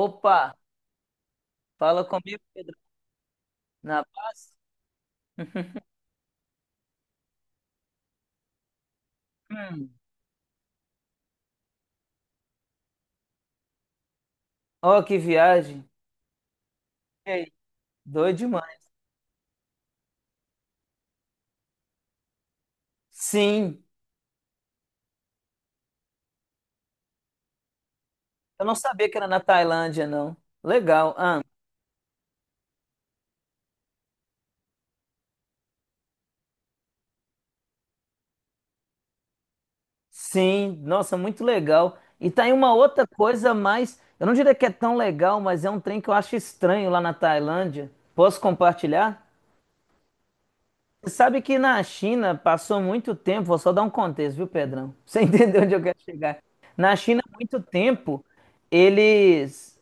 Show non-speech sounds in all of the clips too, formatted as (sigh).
Opa, fala comigo, Pedro. Na paz? (laughs) Hum. Ó, que viagem. E aí? Doido demais. Sim, eu não sabia que era na Tailândia, não. Legal. Ah, sim, nossa, muito legal. E tá aí uma outra coisa mais. Eu não diria que é tão legal, mas é um trem que eu acho estranho lá na Tailândia. Posso compartilhar? Você sabe que na China passou muito tempo, vou só dar um contexto, viu, Pedrão? (laughs) Pra você entendeu (laughs) onde eu quero chegar? Na China, há muito tempo, eles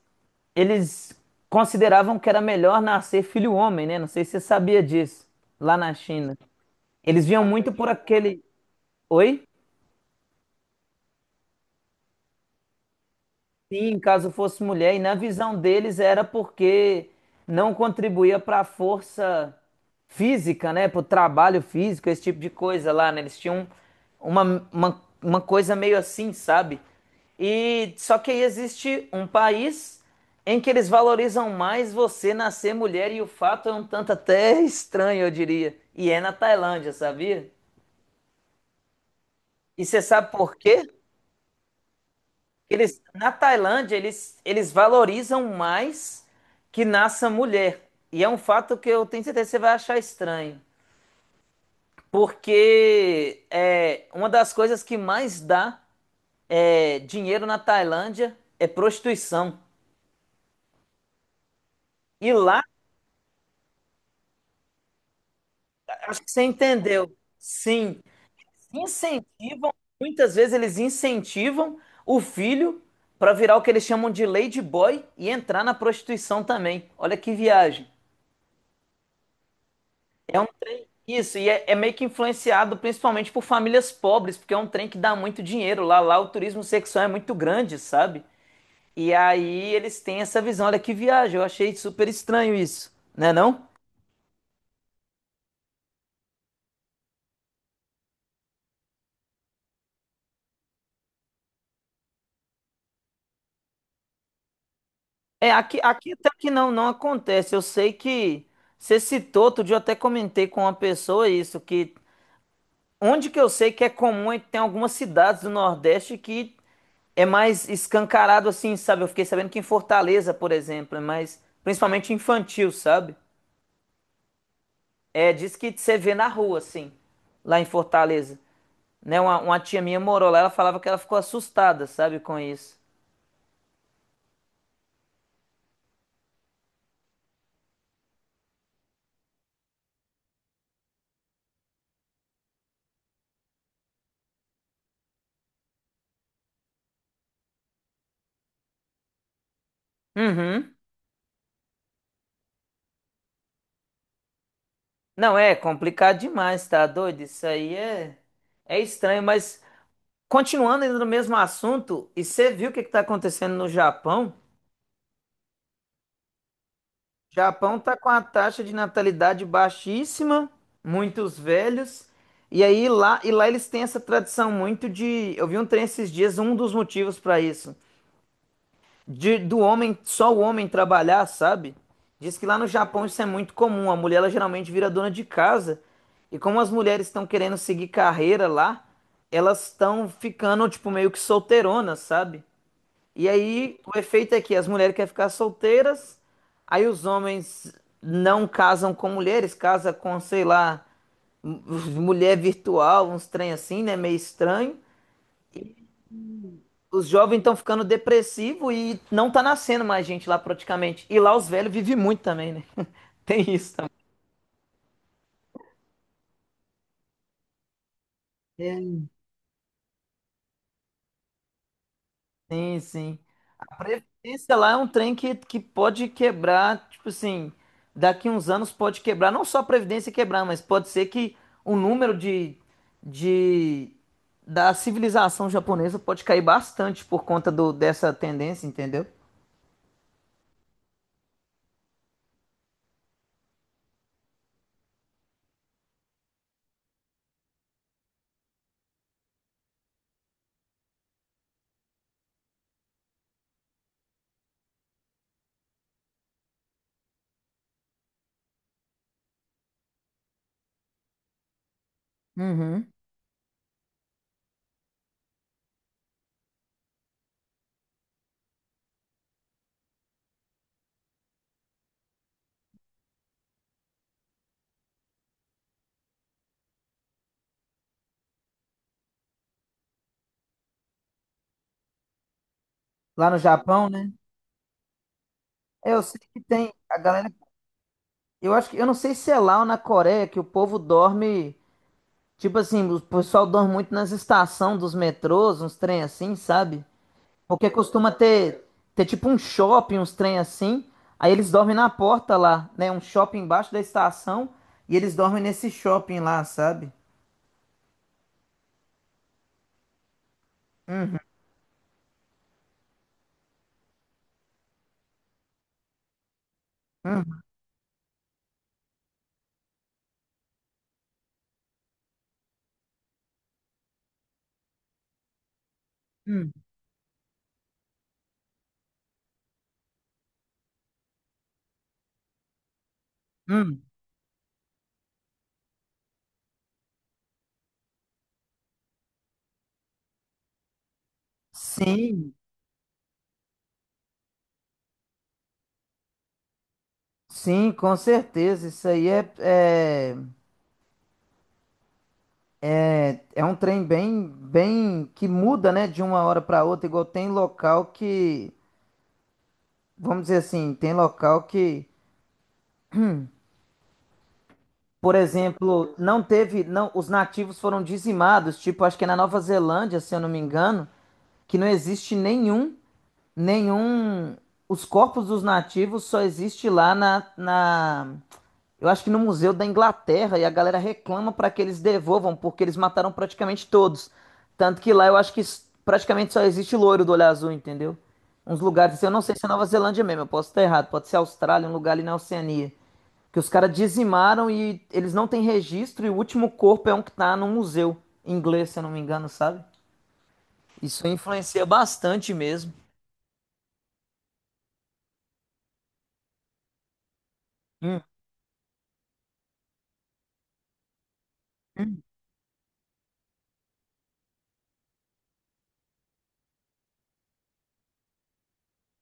eles consideravam que era melhor nascer filho homem, né? Não sei se você sabia disso, lá na China. Eles viam muito por aquele. Oi? Sim, caso fosse mulher, e na visão deles era porque não contribuía para a força física, né? Para o trabalho físico, esse tipo de coisa lá, né? Eles tinham uma, uma coisa meio assim, sabe? E só que aí existe um país em que eles valorizam mais você nascer mulher, e o fato é um tanto até (laughs) estranho, eu diria. E é na Tailândia, sabia? E você sabe por quê? Eles, na Tailândia, eles valorizam mais que nasça mulher. E é um fato que eu tenho certeza que você vai achar estranho. Porque é, uma das coisas que mais dá é, dinheiro na Tailândia é prostituição. E lá, acho que você entendeu. Sim, incentivam, muitas vezes eles incentivam o filho para virar o que eles chamam de lady boy e entrar na prostituição também. Olha que viagem. É um trem. Isso, e é meio que influenciado principalmente por famílias pobres, porque é um trem que dá muito dinheiro lá. Lá o turismo sexual é muito grande, sabe? E aí eles têm essa visão, olha que viagem, eu achei super estranho isso, né não? É, aqui, até que não, não acontece. Eu sei que você citou, outro dia eu até comentei com uma pessoa isso, que onde que eu sei que é comum é que tem algumas cidades do Nordeste que é mais escancarado assim, sabe? Eu fiquei sabendo que em Fortaleza, por exemplo, é mais principalmente infantil, sabe? É, diz que você vê na rua, assim, lá em Fortaleza. Né? Uma tia minha morou lá, ela falava que ela ficou assustada, sabe, com isso. Uhum. Não, é complicado demais, tá doido? Isso aí é estranho, mas continuando ainda no mesmo assunto, e você viu o que que tá acontecendo no Japão? Japão está com a taxa de natalidade baixíssima, muitos velhos. E aí lá, e lá eles têm essa tradição muito de, eu vi um trem esses dias, um dos motivos para isso, de do homem, só o homem trabalhar, sabe? Diz que lá no Japão isso é muito comum, a mulher ela geralmente vira dona de casa. E como as mulheres estão querendo seguir carreira lá, elas estão ficando tipo meio que solteironas, sabe? E aí, o efeito é que as mulheres querem ficar solteiras, aí os homens não casam com mulheres, casam com, sei lá, m- mulher virtual, uns trem assim, né? Meio estranho. Os jovens estão ficando depressivos e não tá nascendo mais gente lá praticamente. E lá os velhos vivem muito também, né? (laughs) Tem isso também. Sim, sim. A previdência lá é um trem que pode quebrar, tipo assim, daqui uns anos pode quebrar, não só a previdência quebrar, mas pode ser que o número de da civilização japonesa pode cair bastante por conta dessa tendência, entendeu? Uhum. Lá no Japão, né? É, eu sei que tem a galera. Eu acho que eu não sei se é lá ou na Coreia que o povo dorme, tipo assim, o pessoal dorme muito nas estações dos metrôs, uns trem assim, sabe? Porque costuma ter, tipo um shopping, uns trem assim. Aí eles dormem na porta lá, né? Um shopping embaixo da estação. E eles dormem nesse shopping lá, sabe? Hum, hum. Sim, sim, com certeza. Isso aí é um trem bem, bem que muda, né? De uma hora para outra. Igual tem local que, vamos dizer assim, tem local que. Por exemplo, não teve, não, os nativos foram dizimados, tipo, acho que é na Nova Zelândia, se eu não me engano, que não existe nenhum, nenhum, os corpos dos nativos só existe lá eu acho que no Museu da Inglaterra e a galera reclama para que eles devolvam, porque eles mataram praticamente todos. Tanto que lá eu acho que praticamente só existe loiro do olho azul, entendeu? Uns lugares, assim, eu não sei se é Nova Zelândia mesmo, eu posso estar errado, pode ser Austrália, um lugar ali na Oceania. Que os caras dizimaram e eles não têm registro e o último corpo é um que tá num museu inglês, se eu não me engano, sabe? Isso influencia bastante mesmo.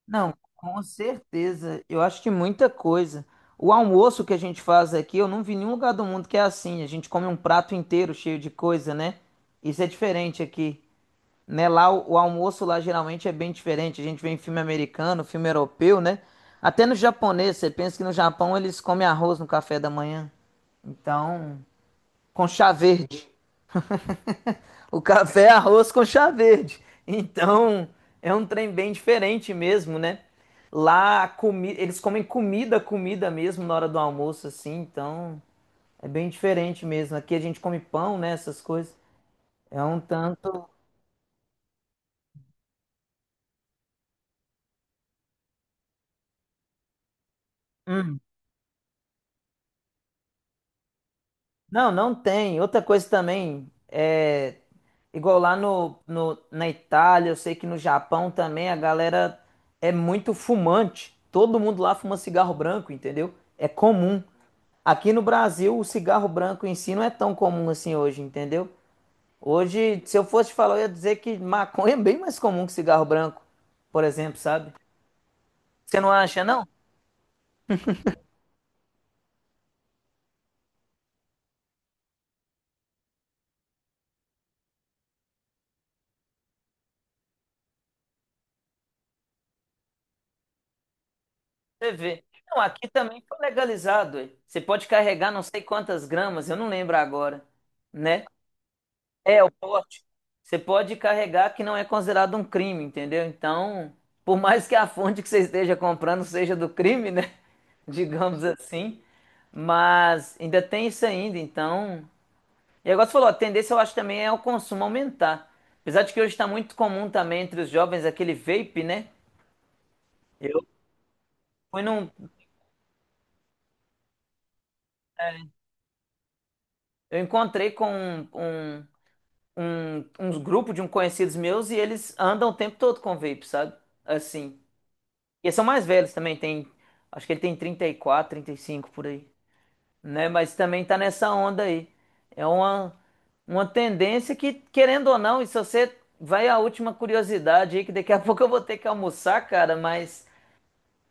Não, com certeza. Eu acho que muita coisa. O almoço que a gente faz aqui, eu não vi em nenhum lugar do mundo que é assim. A gente come um prato inteiro cheio de coisa, né? Isso é diferente aqui, né? Lá o almoço lá geralmente é bem diferente. A gente vê em filme americano, filme europeu, né? Até no japonês, você pensa que no Japão eles comem arroz no café da manhã. Então, com chá verde. O café é arroz com chá verde. Então, é um trem bem diferente mesmo, né? Lá, a comi eles comem comida, comida mesmo na hora do almoço, assim. Então, é bem diferente mesmo. Aqui a gente come pão, né? Essas coisas. É um tanto. Hum. Não, não tem. Outra coisa também, é igual lá na Itália, eu sei que no Japão também a galera é muito fumante. Todo mundo lá fuma cigarro branco, entendeu? É comum. Aqui no Brasil, o cigarro branco em si não é tão comum assim hoje, entendeu? Hoje, se eu fosse te falar, eu ia dizer que maconha é bem mais comum que cigarro branco, por exemplo, sabe? Você não acha, não? Você vê. Não, aqui também foi legalizado. Ué. Você pode carregar não sei quantas gramas, eu não lembro agora, né? É, o porte. Você pode carregar que não é considerado um crime, entendeu? Então, por mais que a fonte que você esteja comprando seja do crime, né? (laughs) Digamos assim. Mas ainda tem isso ainda, então. E agora você falou, a tendência eu acho também é o consumo aumentar. Apesar de que hoje está muito comum também entre os jovens aquele vape, né? Eu fui num, eu encontrei com um, uns grupos de um conhecidos meus e eles andam o tempo todo com vape, sabe? Assim. E eles são mais velhos também, tem. Acho que ele tem 30 34 35 por aí, né? Mas também tá nessa onda aí. É uma tendência que, querendo ou não, e se você vai à última curiosidade aí, que daqui a (laughs) pouco eu vou ter que almoçar, cara, mas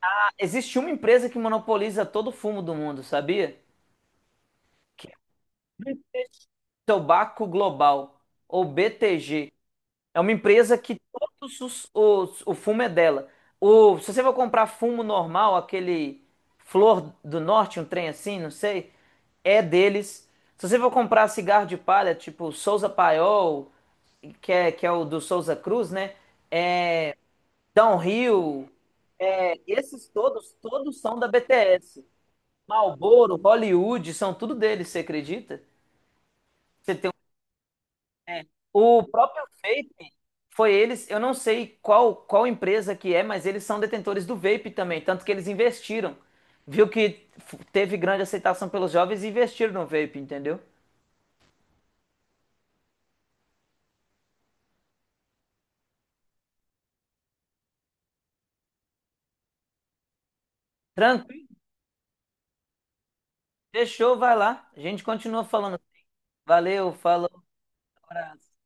existe uma empresa que monopoliza todo o fumo do mundo, sabia? Que é o Tobacco Global, ou BTG. É uma empresa que todos o fumo é dela. Se você for comprar fumo normal, aquele Flor do Norte, um trem assim, não sei, é deles. Se você for comprar cigarro de palha, tipo Souza Paiol, que é o do Souza Cruz, né? Downhill, esses todos, todos são da BTS. Marlboro, Hollywood, são tudo deles, você acredita? Você O próprio vape foi eles, eu não sei qual empresa que é, mas eles são detentores do vape também, tanto que eles investiram. Viu que teve grande aceitação pelos jovens e investiram no vape, entendeu? Tranquilo, deixou, vai lá. A gente continua falando. Valeu, falou, abraço.